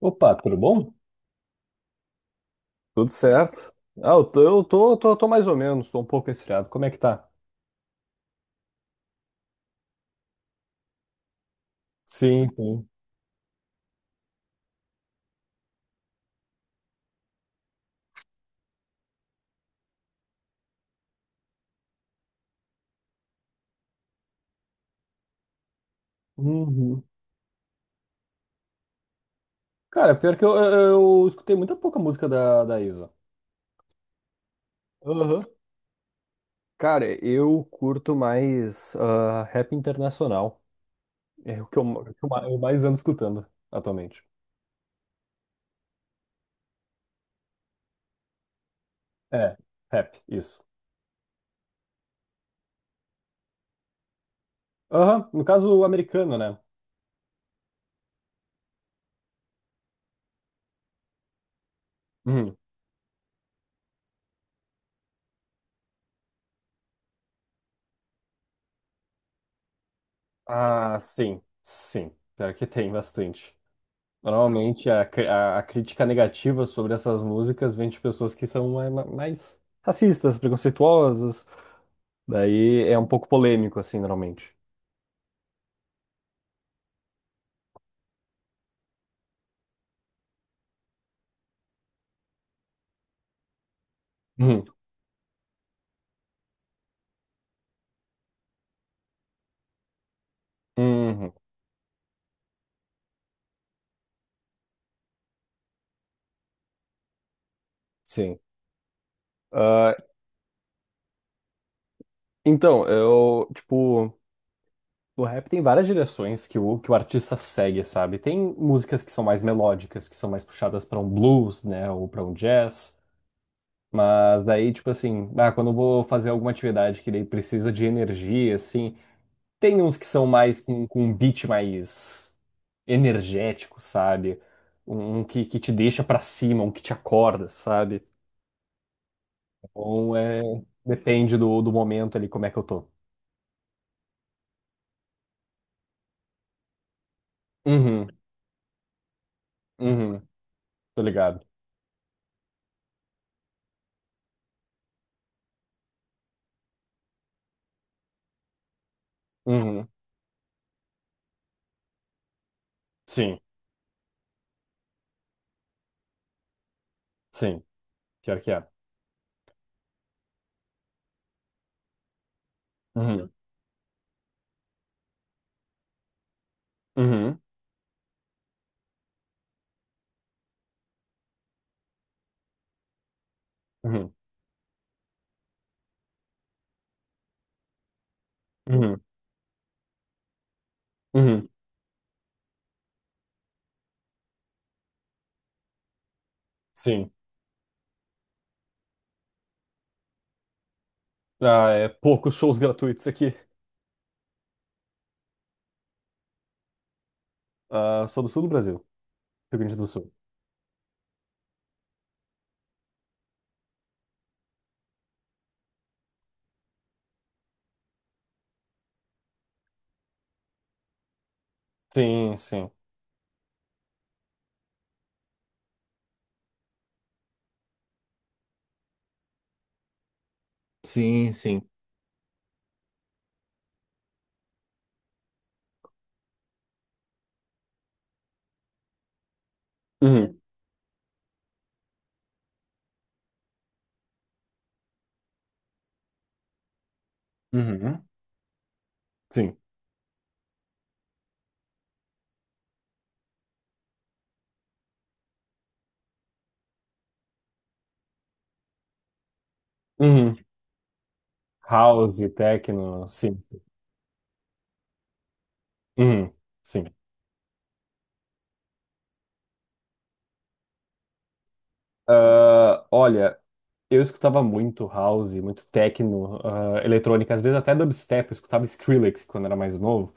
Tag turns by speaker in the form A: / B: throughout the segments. A: Opa, tudo bom? Tudo certo? Eu tô mais ou menos, tô um pouco resfriado. Como é que tá? Sim, sim. Uhum. Cara, pior que eu escutei muita pouca música da Isa. Aham. Cara, eu curto mais rap internacional. É o que eu mais ando escutando atualmente. É, rap, isso. Aham, no caso o americano, né? Uhum. Ah, sim, sim. Pior que tem bastante. Normalmente a crítica negativa sobre essas músicas vem de pessoas que são mais racistas, preconceituosas. Daí é um pouco polêmico, assim, normalmente. Uhum. Uhum. Sim. Ah, então, o rap tem várias direções que o artista segue, sabe? Tem músicas que são mais melódicas, que são mais puxadas para um blues, né, ou para um jazz. Mas daí, tipo assim, quando eu vou fazer alguma atividade que daí precisa de energia, assim. Tem uns que são mais com um beat mais energético, sabe? Um que te deixa pra cima, um que te acorda, sabe? Então é. Depende do momento ali, como é que eu tô. Uhum, uhum, tô ligado. Uhum, sim, sim, pior que é. Uhum, uhum, uhum, uhum, uhum, sim. Ah, é poucos shows gratuitos aqui. Ah, sou do sul do Brasil, Rio Grande do Sul. Sim, sim. Sim, sim. Uhum, uhum, sim. Uhum. House, techno, sim. Uhum, sim. Ah, olha, eu escutava muito house, muito techno, eletrônica, às vezes até dubstep, eu escutava Skrillex quando era mais novo.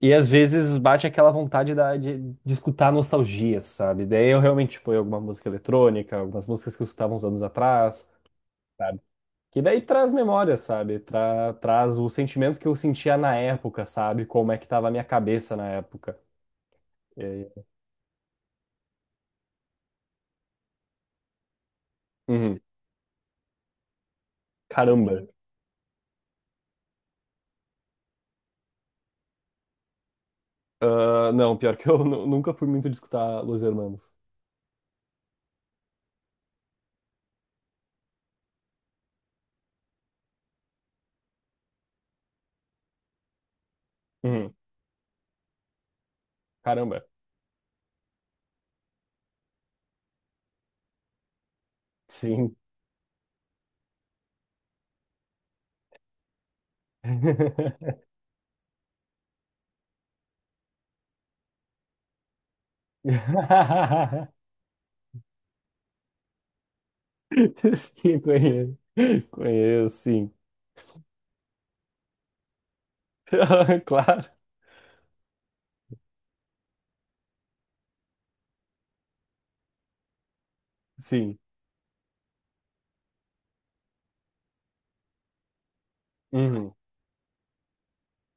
A: E às vezes bate aquela vontade de escutar nostalgia, sabe? Daí eu realmente ponho alguma música eletrônica, algumas músicas que eu escutava uns anos atrás, sabe? Que daí traz memória, sabe? Traz o sentimento que eu sentia na época, sabe? Como é que tava a minha cabeça na época. E aí, uhum, caramba. Ah, não, pior que eu nunca fui muito de escutar Los Hermanos. Uhum. Caramba. Sim. Sim, conheço. Conheço, sim. Claro, sim. Uhum.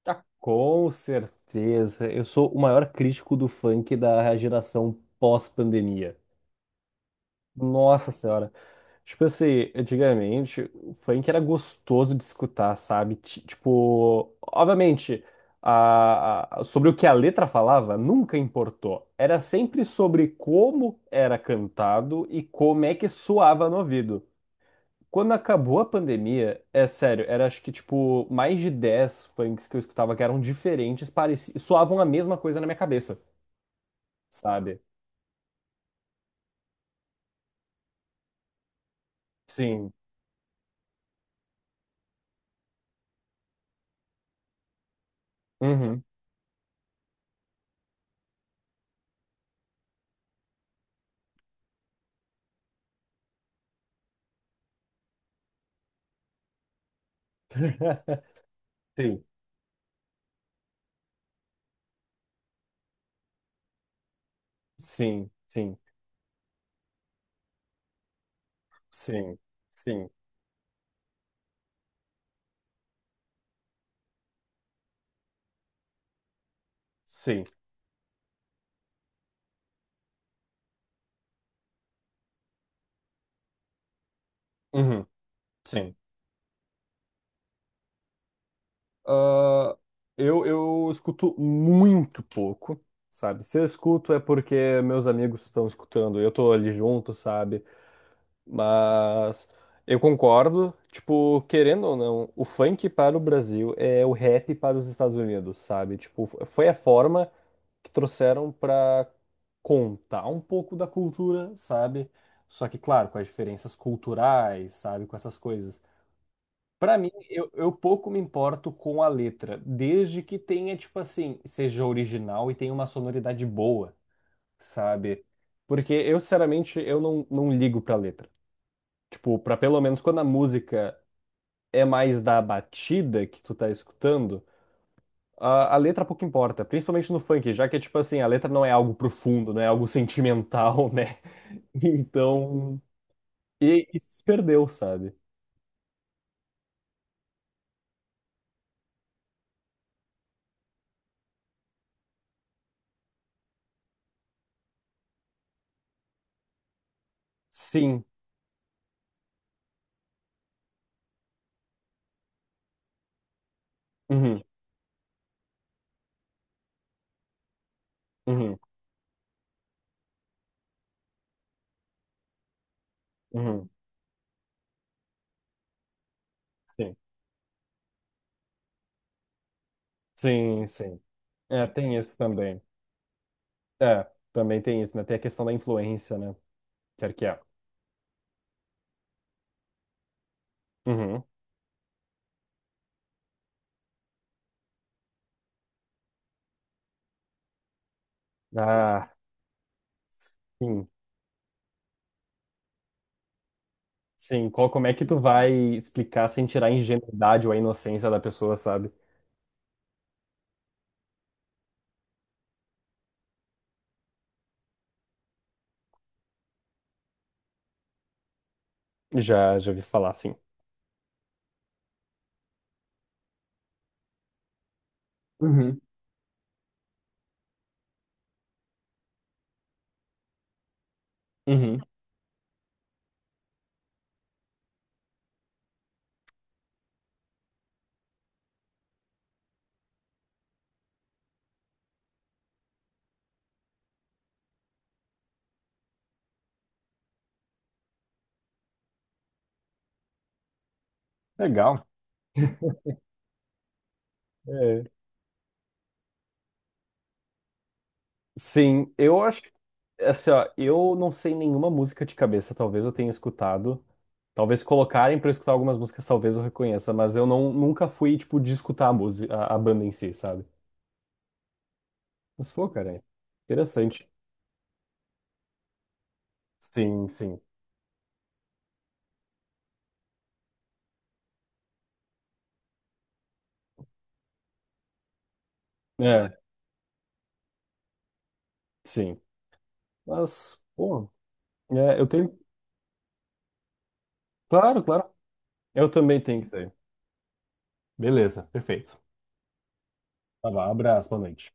A: Tá, com certeza. Eu sou o maior crítico do funk da geração pós-pandemia. Nossa senhora. Tipo assim, antigamente, o funk era gostoso de escutar, sabe? Tipo, obviamente, sobre o que a letra falava nunca importou. Era sempre sobre como era cantado e como é que soava no ouvido. Quando acabou a pandemia, é sério, era acho que tipo mais de 10 funks que eu escutava que eram diferentes, pareci, soavam a mesma coisa na minha cabeça, sabe? Sim. Uhum. Sim, sim, sim, sim. Sim. Sim. Uhum. Sim. Ah, eu escuto muito pouco, sabe? Se eu escuto é porque meus amigos estão escutando, eu tô ali junto, sabe? Mas eu concordo, tipo, querendo ou não, o funk para o Brasil é o rap para os Estados Unidos, sabe? Tipo, foi a forma que trouxeram para contar um pouco da cultura, sabe? Só que, claro, com as diferenças culturais, sabe? Com essas coisas. Pra mim, eu pouco me importo com a letra, desde que tenha, tipo assim, seja original e tenha uma sonoridade boa, sabe? Porque eu, sinceramente, eu não, não ligo pra letra. Tipo, pra pelo menos quando a música é mais da batida que tu tá escutando, a letra pouco importa, principalmente no funk, já que, tipo assim, a letra não é algo profundo, não é algo sentimental, né? Então, e se perdeu, sabe? Sim. Uhum, uhum, uhum. Sim. Sim, sim. É, tem isso também. É, também tem isso, né? Tem a questão da influência, né? Quer que é. Uhum. Ah, sim. Sim, qual, como é que tu vai explicar sem tirar a ingenuidade ou a inocência da pessoa, sabe? Já, já ouvi falar, sim. Uhum. Uhum. Legal. É. Sim, eu acho, assim, ó, eu não sei nenhuma música de cabeça, talvez eu tenha escutado. Talvez colocarem pra eu escutar algumas músicas, talvez eu reconheça, mas eu não, nunca fui, tipo, de escutar a música, a banda em si, sabe? Mas, pô, cara, é interessante. Sim, sim. É, sim. Mas, pô, é, eu tenho. Claro, claro. Eu também tenho que sair. Beleza, perfeito. Tá bom, abraço, boa noite.